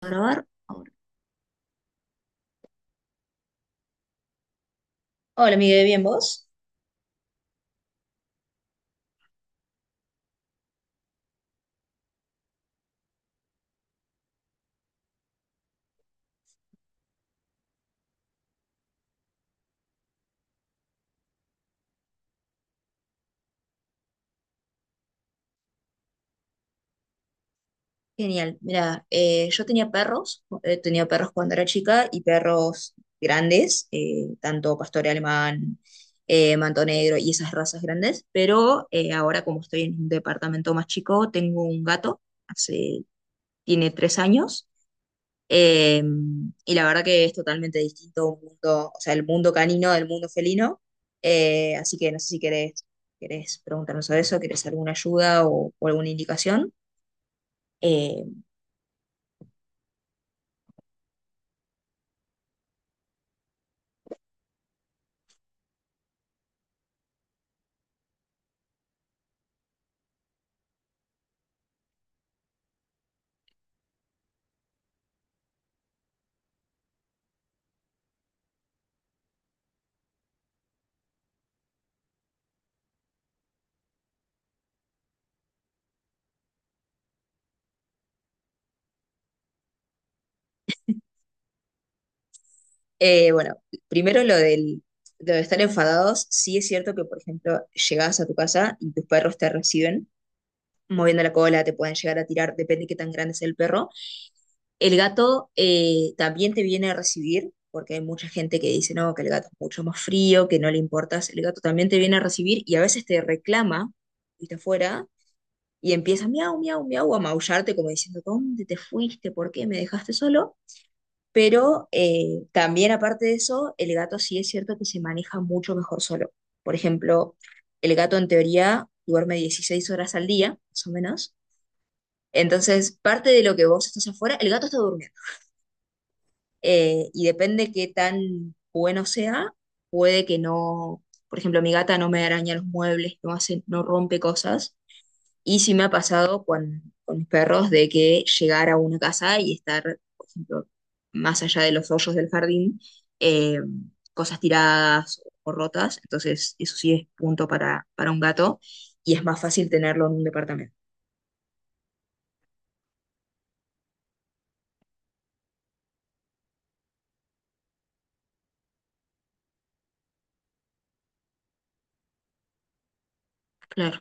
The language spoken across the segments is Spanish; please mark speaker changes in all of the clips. Speaker 1: Grabar ahora. Hola, Miguel, ¿bien vos? Genial. Mira, yo tenía perros cuando era chica y perros grandes, tanto pastor alemán, manto negro y esas razas grandes, pero ahora como estoy en un departamento más chico, tengo un gato, hace, tiene 3 años. Eh, y la verdad que es totalmente distinto un mundo, o sea, el mundo canino del mundo felino. Así que no sé si querés preguntarnos sobre eso, querés alguna ayuda o alguna indicación. Eh, bueno, primero lo de estar enfadados, sí es cierto que, por ejemplo, llegás a tu casa y tus perros te reciben moviendo la cola, te pueden llegar a tirar, depende de qué tan grande es el perro. El gato, también te viene a recibir, porque hay mucha gente que dice, no, que el gato es mucho más frío, que no le importas. El gato también te viene a recibir y a veces te reclama, viste afuera, y empieza miau, miau, miau a maullarte como diciendo, ¿dónde te fuiste? ¿Por qué me dejaste solo? Pero también aparte de eso, el gato sí es cierto que se maneja mucho mejor solo. Por ejemplo, el gato en teoría duerme 16 horas al día, más o menos. Entonces, parte de lo que vos estás afuera, el gato está durmiendo. Y depende qué tan bueno sea, puede que no, por ejemplo, mi gata no me araña los muebles, no hace, no rompe cosas. Y sí me ha pasado con mis perros de que llegar a una casa y estar, por ejemplo, más allá de los hoyos del jardín, eh, cosas tiradas o rotas. Entonces, eso sí es punto para un gato y es más fácil tenerlo en un departamento. Claro,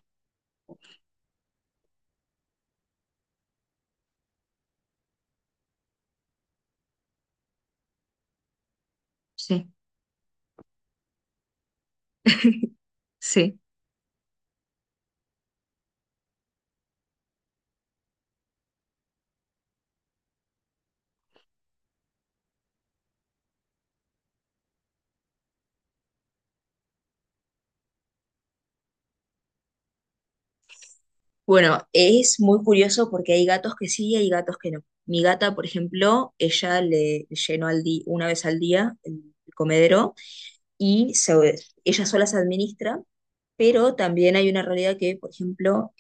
Speaker 1: sí, sí. Bueno, es muy curioso porque hay gatos que sí y hay gatos que no. Mi gata, por ejemplo, ella le llenó una vez al día el comedero y ella sola se administra, pero también hay una realidad que, por ejemplo,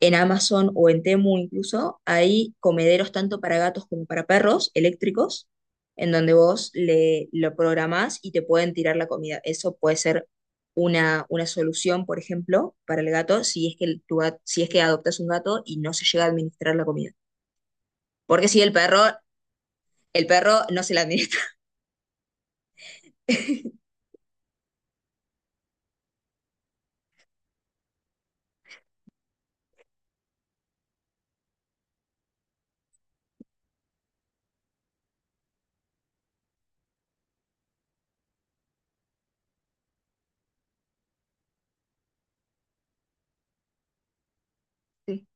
Speaker 1: en Amazon o en Temu incluso, hay comederos tanto para gatos como para perros eléctricos, en donde vos le, lo programás y te pueden tirar la comida. Eso puede ser una solución, por ejemplo, para el gato, si es que el- tu gat- si es que adoptas un gato y no se llega a administrar la comida. Porque si el perro no se la administra. Sí.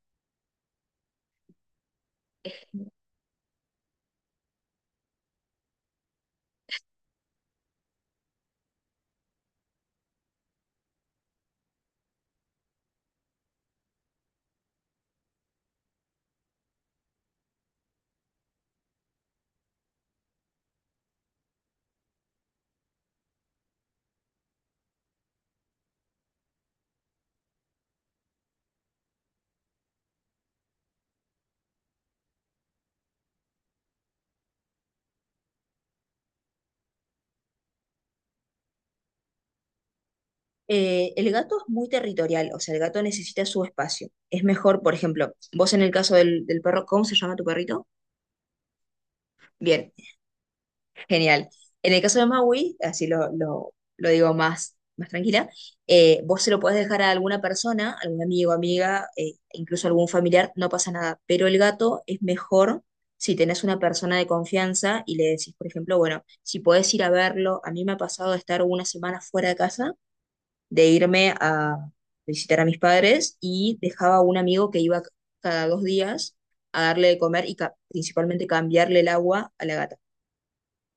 Speaker 1: El gato es muy territorial, o sea, el gato necesita su espacio. Es mejor, por ejemplo, vos en el caso del perro, ¿cómo se llama tu perrito? Bien. Genial. En el caso de Maui, así lo digo más tranquila, vos se lo podés dejar a alguna persona, algún amigo, amiga, incluso algún familiar, no pasa nada. Pero el gato es mejor si tenés una persona de confianza y le decís, por ejemplo, bueno, si podés ir a verlo, a mí me ha pasado de estar una semana fuera de casa, de irme a visitar a mis padres y dejaba a un amigo que iba cada 2 días a darle de comer y principalmente cambiarle el agua a la gata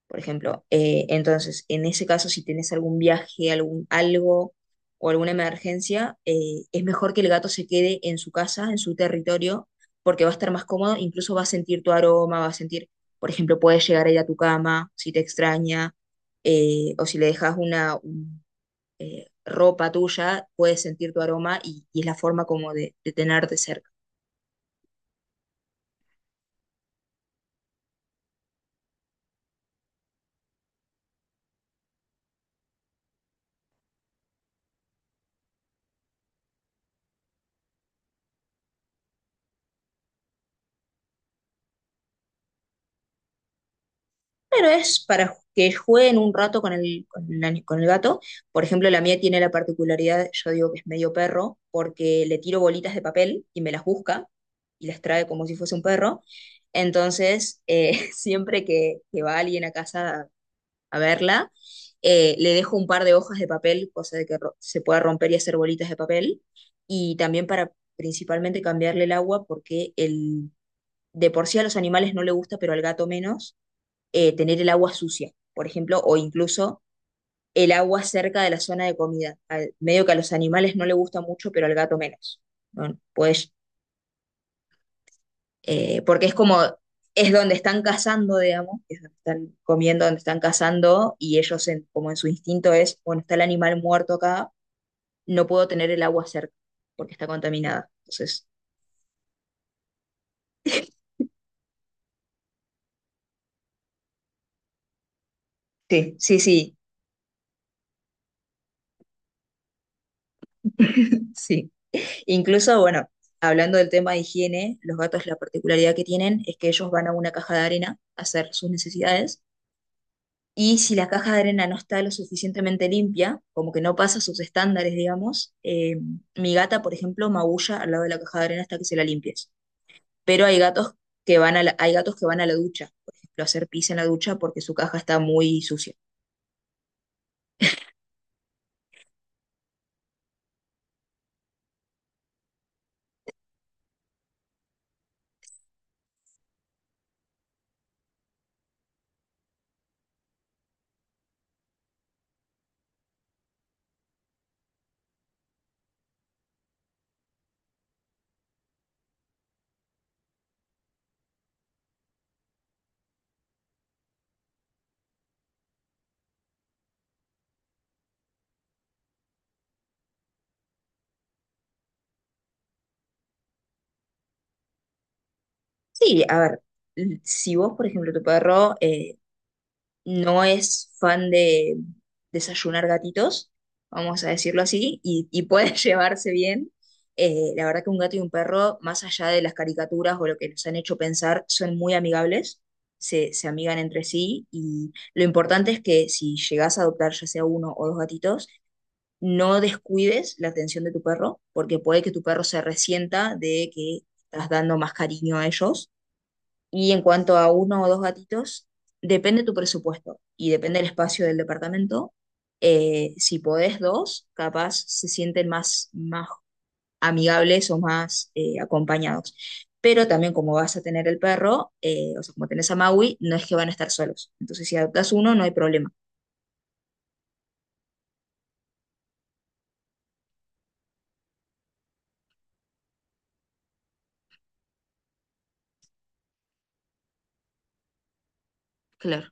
Speaker 1: por ejemplo. Entonces, en ese caso, si tienes algún viaje, algún algo o alguna emergencia, es mejor que el gato se quede en su casa, en su territorio, porque va a estar más cómodo, incluso va a sentir tu aroma, va a sentir, por ejemplo, puedes llegar a ir a tu cama si te extraña, o si le dejas ropa tuya, puede sentir tu aroma y es la forma como de tenerte cerca. Pero es para que jueguen un rato con el gato. Por ejemplo, la mía tiene la particularidad, yo digo que es medio perro, porque le tiro bolitas de papel y me las busca y las trae como si fuese un perro. Entonces, siempre que va alguien a casa a verla, le dejo un par de hojas de papel, cosa de que se pueda romper y hacer bolitas de papel. Y también para principalmente cambiarle el agua, porque de por sí a los animales no le gusta, pero al gato menos tener el agua sucia, por ejemplo, o incluso el agua cerca de la zona de comida. Medio que a los animales no le gusta mucho, pero al gato menos. Bueno, pues, porque es como, es donde están cazando, digamos, es donde están comiendo, donde están cazando, y ellos como en su instinto es, bueno, está el animal muerto acá, no puedo tener el agua cerca, porque está contaminada. Entonces, sí, sí, sí, sí. Incluso, bueno, hablando del tema de higiene, los gatos la particularidad que tienen es que ellos van a una caja de arena a hacer sus necesidades y si la caja de arena no está lo suficientemente limpia, como que no pasa sus estándares, digamos, mi gata, por ejemplo, maulla al lado de la caja de arena hasta que se la limpies. Pero hay gatos que van a la, hay gatos que van a la ducha, por ejemplo, a hacer pis en la ducha porque su caja está muy sucia. Sí, a ver, si vos, por ejemplo, tu perro, no es fan de desayunar gatitos, vamos a decirlo así, y pueden llevarse bien. La verdad que un gato y un perro, más allá de las caricaturas o lo que nos han hecho pensar, son muy amigables, se amigan entre sí y lo importante es que si llegas a adoptar ya sea uno o dos gatitos, no descuides la atención de tu perro, porque puede que tu perro se resienta de que estás dando más cariño a ellos y en cuanto a uno o dos gatitos, depende tu presupuesto y depende el espacio del departamento. Si podés dos, capaz se sienten más, más amigables o más acompañados. Pero también como vas a tener el perro, o sea, como tenés a Maui, no es que van a estar solos. Entonces, si adoptas uno, no hay problema. Claro.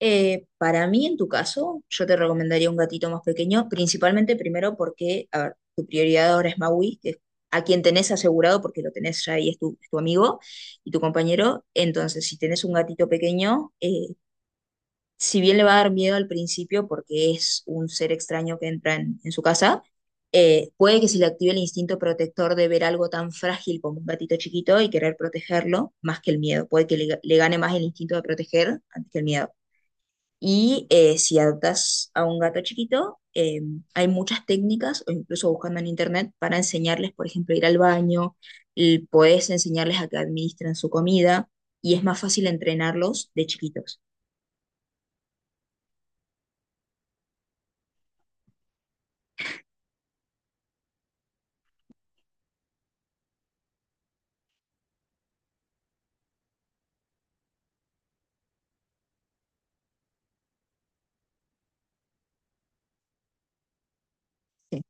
Speaker 1: Para mí, en tu caso, yo te recomendaría un gatito más pequeño, principalmente primero porque, a ver, tu prioridad ahora es Maui, que es a quien tenés asegurado, porque lo tenés ya ahí, es tu amigo y tu compañero. Entonces, si tenés un gatito pequeño, si bien le va a dar miedo al principio porque es un ser extraño que entra en su casa, puede que se le active el instinto protector de ver algo tan frágil como un gatito chiquito y querer protegerlo más que el miedo. Puede que le gane más el instinto de proteger antes que el miedo. Y si adoptas a un gato chiquito, hay muchas técnicas, o incluso buscando en internet, para enseñarles, por ejemplo, a ir al baño, y puedes enseñarles a que administren su comida, y es más fácil entrenarlos de chiquitos. Sí.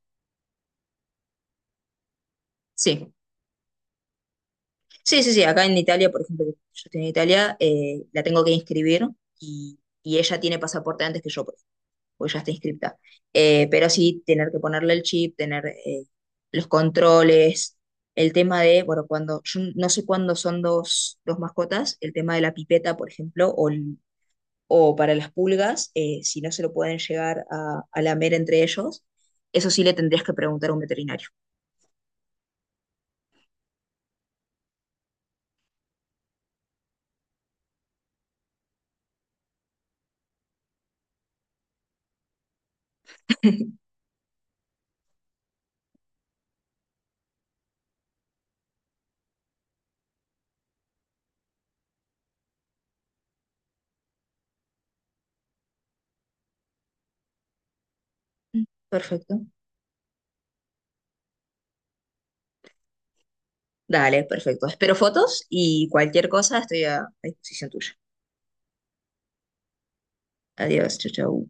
Speaker 1: Sí, sí, sí, sí. Acá en Italia, por ejemplo, yo estoy en Italia, la tengo que inscribir y ella tiene pasaporte antes que yo. Pues ya está inscripta. Pero sí, tener que ponerle el chip, tener los controles, el tema de, bueno, cuando, yo no sé cuándo son dos mascotas, el tema de la pipeta, por ejemplo, o, o para las pulgas, si no se lo pueden llegar a, lamer entre ellos, eso sí le tendrías que preguntar a un veterinario. Mm. Perfecto. Dale, perfecto. Espero fotos y cualquier cosa estoy a disposición tuya. Adiós, chau, chau.